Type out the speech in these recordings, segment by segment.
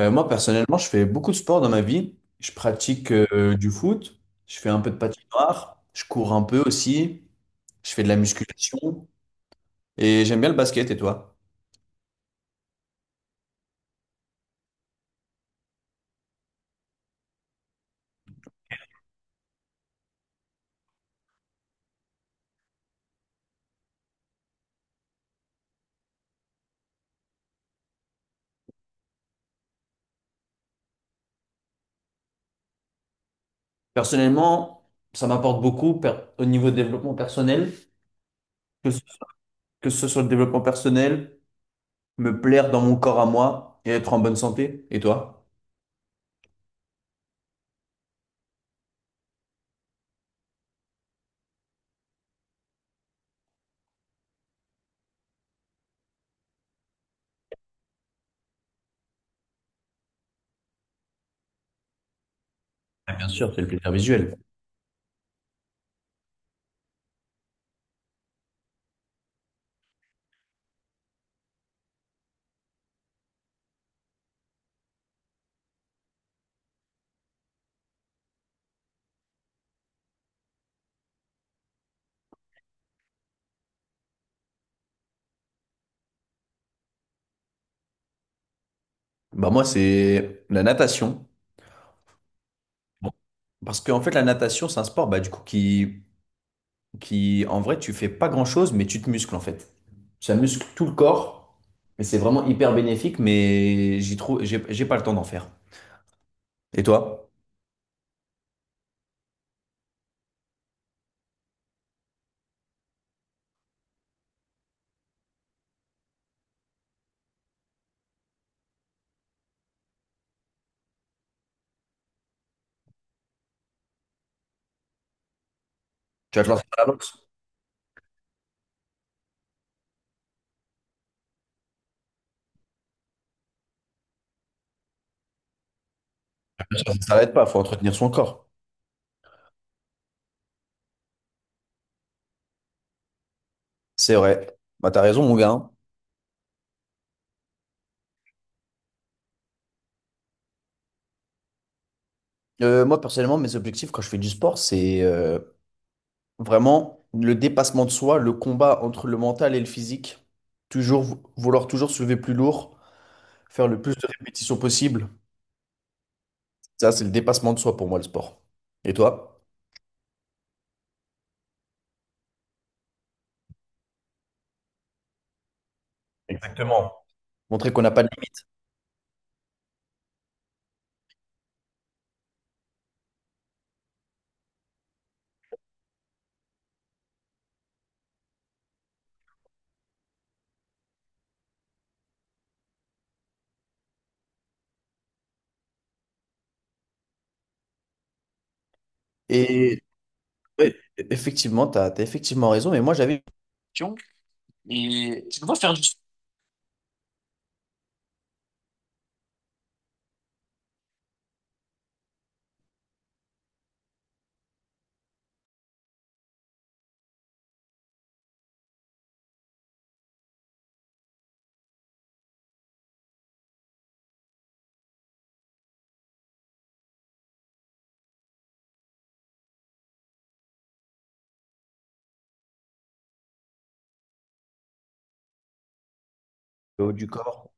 Moi, personnellement, je fais beaucoup de sport dans ma vie. Je pratique du foot, je fais un peu de patinoire, je cours un peu aussi, je fais de la musculation et j'aime bien le basket. Et toi? Personnellement, ça m'apporte beaucoup au niveau de développement personnel, que ce, que ce soit le développement personnel, me plaire dans mon corps à moi et être en bonne santé. Et toi? Ah, bien sûr, c'est le plaisir visuel. Bah moi, c'est la natation. Bon, parce qu'en fait, la natation, c'est un sport bah, du coup, qui, en vrai, tu fais pas grand-chose, mais tu te muscles en fait. Ça muscle tout le corps, mais c'est vraiment hyper bénéfique, mais j'ai pas le temps d'en faire. Et toi? Tu vas te lancer dans la boxe? Bien sûr, s'arrête pas, faut entretenir son corps. C'est vrai. Bah, t'as raison, mon gars, hein. Moi, personnellement, mes objectifs quand je fais du sport, c'est vraiment le dépassement de soi, le combat entre le mental et le physique. Toujours vouloir toujours soulever plus lourd, faire le plus de répétitions possible. Ça, c'est le dépassement de soi pour moi, le sport. Et toi? Montrer qu'on n'a pas de limite. Et ouais, effectivement, effectivement raison. Mais moi, j'avais une question. Et je dois faire du haut du corps.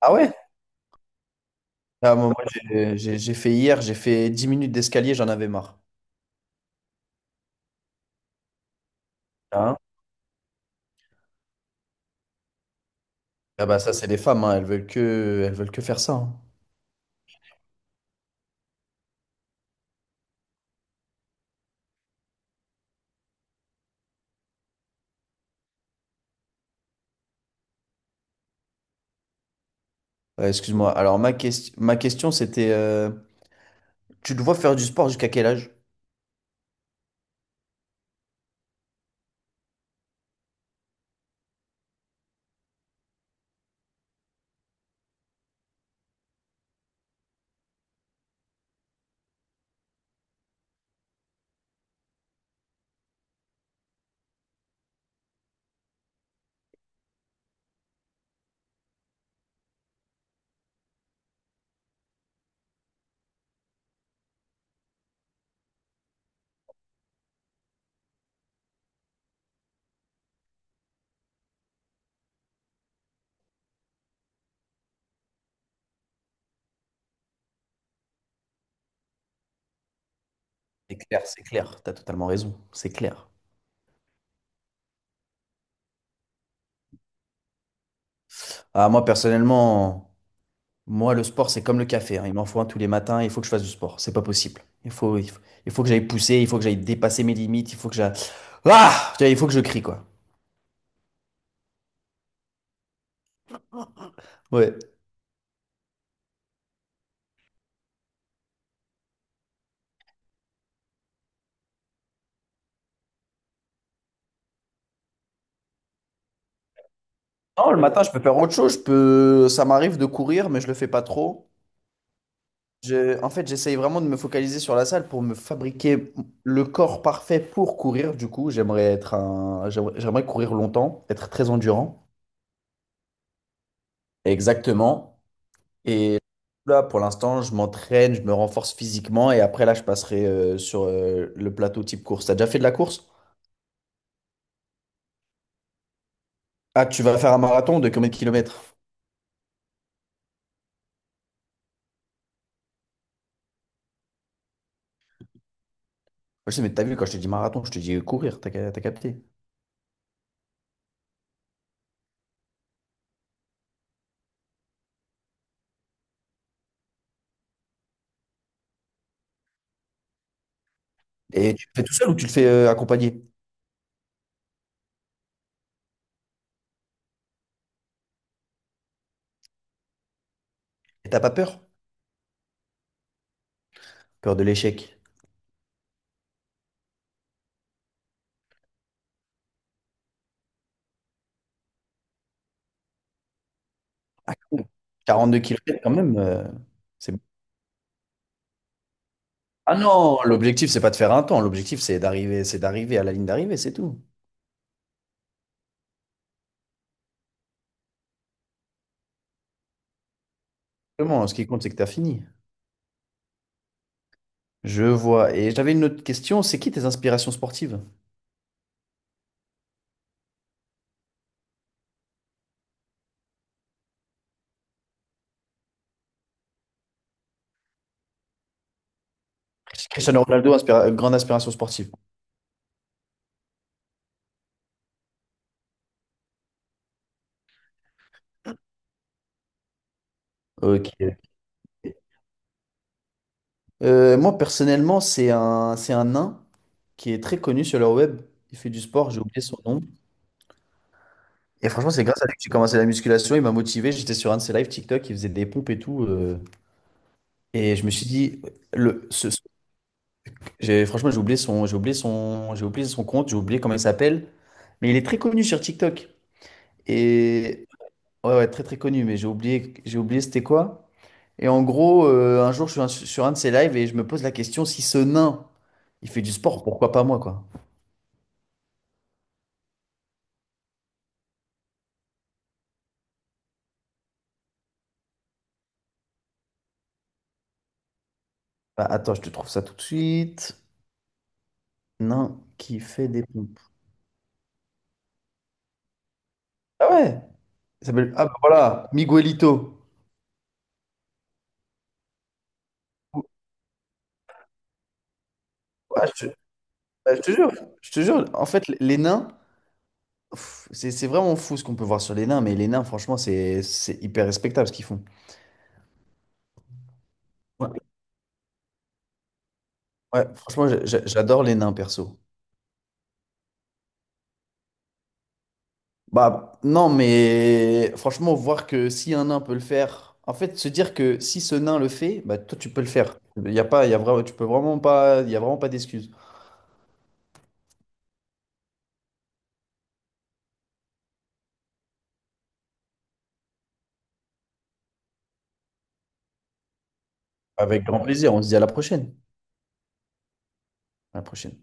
Ah ouais? Ah, j'ai fait hier, j'ai fait 10 minutes d'escalier, j'en avais marre. Hein. Ah bah ça, c'est les femmes, hein, elles veulent que faire ça, hein. Excuse-moi. Alors, ma question, c'était tu te vois faire du sport jusqu'à quel âge? C'est clair, c'est clair. Tu as totalement raison. C'est clair. Ah, moi, personnellement. Moi, le sport, c'est comme le café, hein. Il m'en faut un tous les matins. Il faut que je fasse du sport. C'est pas possible. Il faut que j'aille pousser. Il faut que j'aille dépasser mes limites. Il faut que j'aille. Ah! Tu vois, il faut que je crie, quoi. Ouais. Non, le matin, je peux faire autre chose. Je peux... Ça m'arrive de courir, mais je le fais pas trop. En fait, j'essaye vraiment de me focaliser sur la salle pour me fabriquer le corps parfait pour courir. Du coup, j'aimerais être un... j'aimerais courir longtemps, être très endurant. Exactement. Et là, pour l'instant, je m'entraîne, je me renforce physiquement et après, là, je passerai sur le plateau type course. T'as déjà fait de la course? Ah, tu vas faire un marathon de combien de kilomètres? Je sais, mais t'as vu, quand je te dis marathon, je te dis courir, t'as capté. Et tu le fais tout seul ou tu le fais accompagné? Et t'as pas peur? Peur de l'échec. Ah, cool. 42 kilomètres quand même, c'est... bon. Ah non, l'objectif, c'est pas de faire un temps. L'objectif, c'est d'arriver à la ligne d'arrivée, c'est tout. Vraiment, ce qui compte, c'est que t'as fini. Je vois. Et j'avais une autre question, c'est qui tes inspirations sportives? Cristiano Ronaldo, grande inspiration sportive. Ok. Moi, personnellement, c'est c'est un nain qui est très connu sur le web. Il fait du sport, j'ai oublié son nom. Et franchement, c'est grâce à lui que j'ai commencé la musculation. Il m'a motivé. J'étais sur un de ses lives TikTok, il faisait des pompes et tout, et je me suis dit, le, ce- ce- j'ai, franchement, j'ai oublié son compte, j'ai oublié comment il s'appelle. Mais il est très connu sur TikTok. Et ouais, ouais, très très connu. Mais j'ai oublié, c'était quoi? Et en gros, un jour, sur un de ses lives et je me pose la question, si ce nain, il fait du sport, pourquoi pas moi, quoi? Bah, attends, je te trouve ça tout de suite. Nain qui fait des pompes. Ah ouais! Ah bah voilà, Miguelito. Ah, je, te ah, je te jure, je te jure. En fait, les nains, pff, c'est vraiment fou ce qu'on peut voir sur les nains, mais les nains, franchement, c'est hyper respectable ce qu'ils font. Ouais, ouais, franchement, j'adore les nains, perso. Bah non, mais franchement, voir que si un nain peut le faire, en fait, se dire que si ce nain le fait, bah toi tu peux le faire. Il y a pas, il y a vraiment, tu peux vraiment pas, il y a vraiment pas d'excuses. Avec grand plaisir, on se dit à la prochaine. À la prochaine.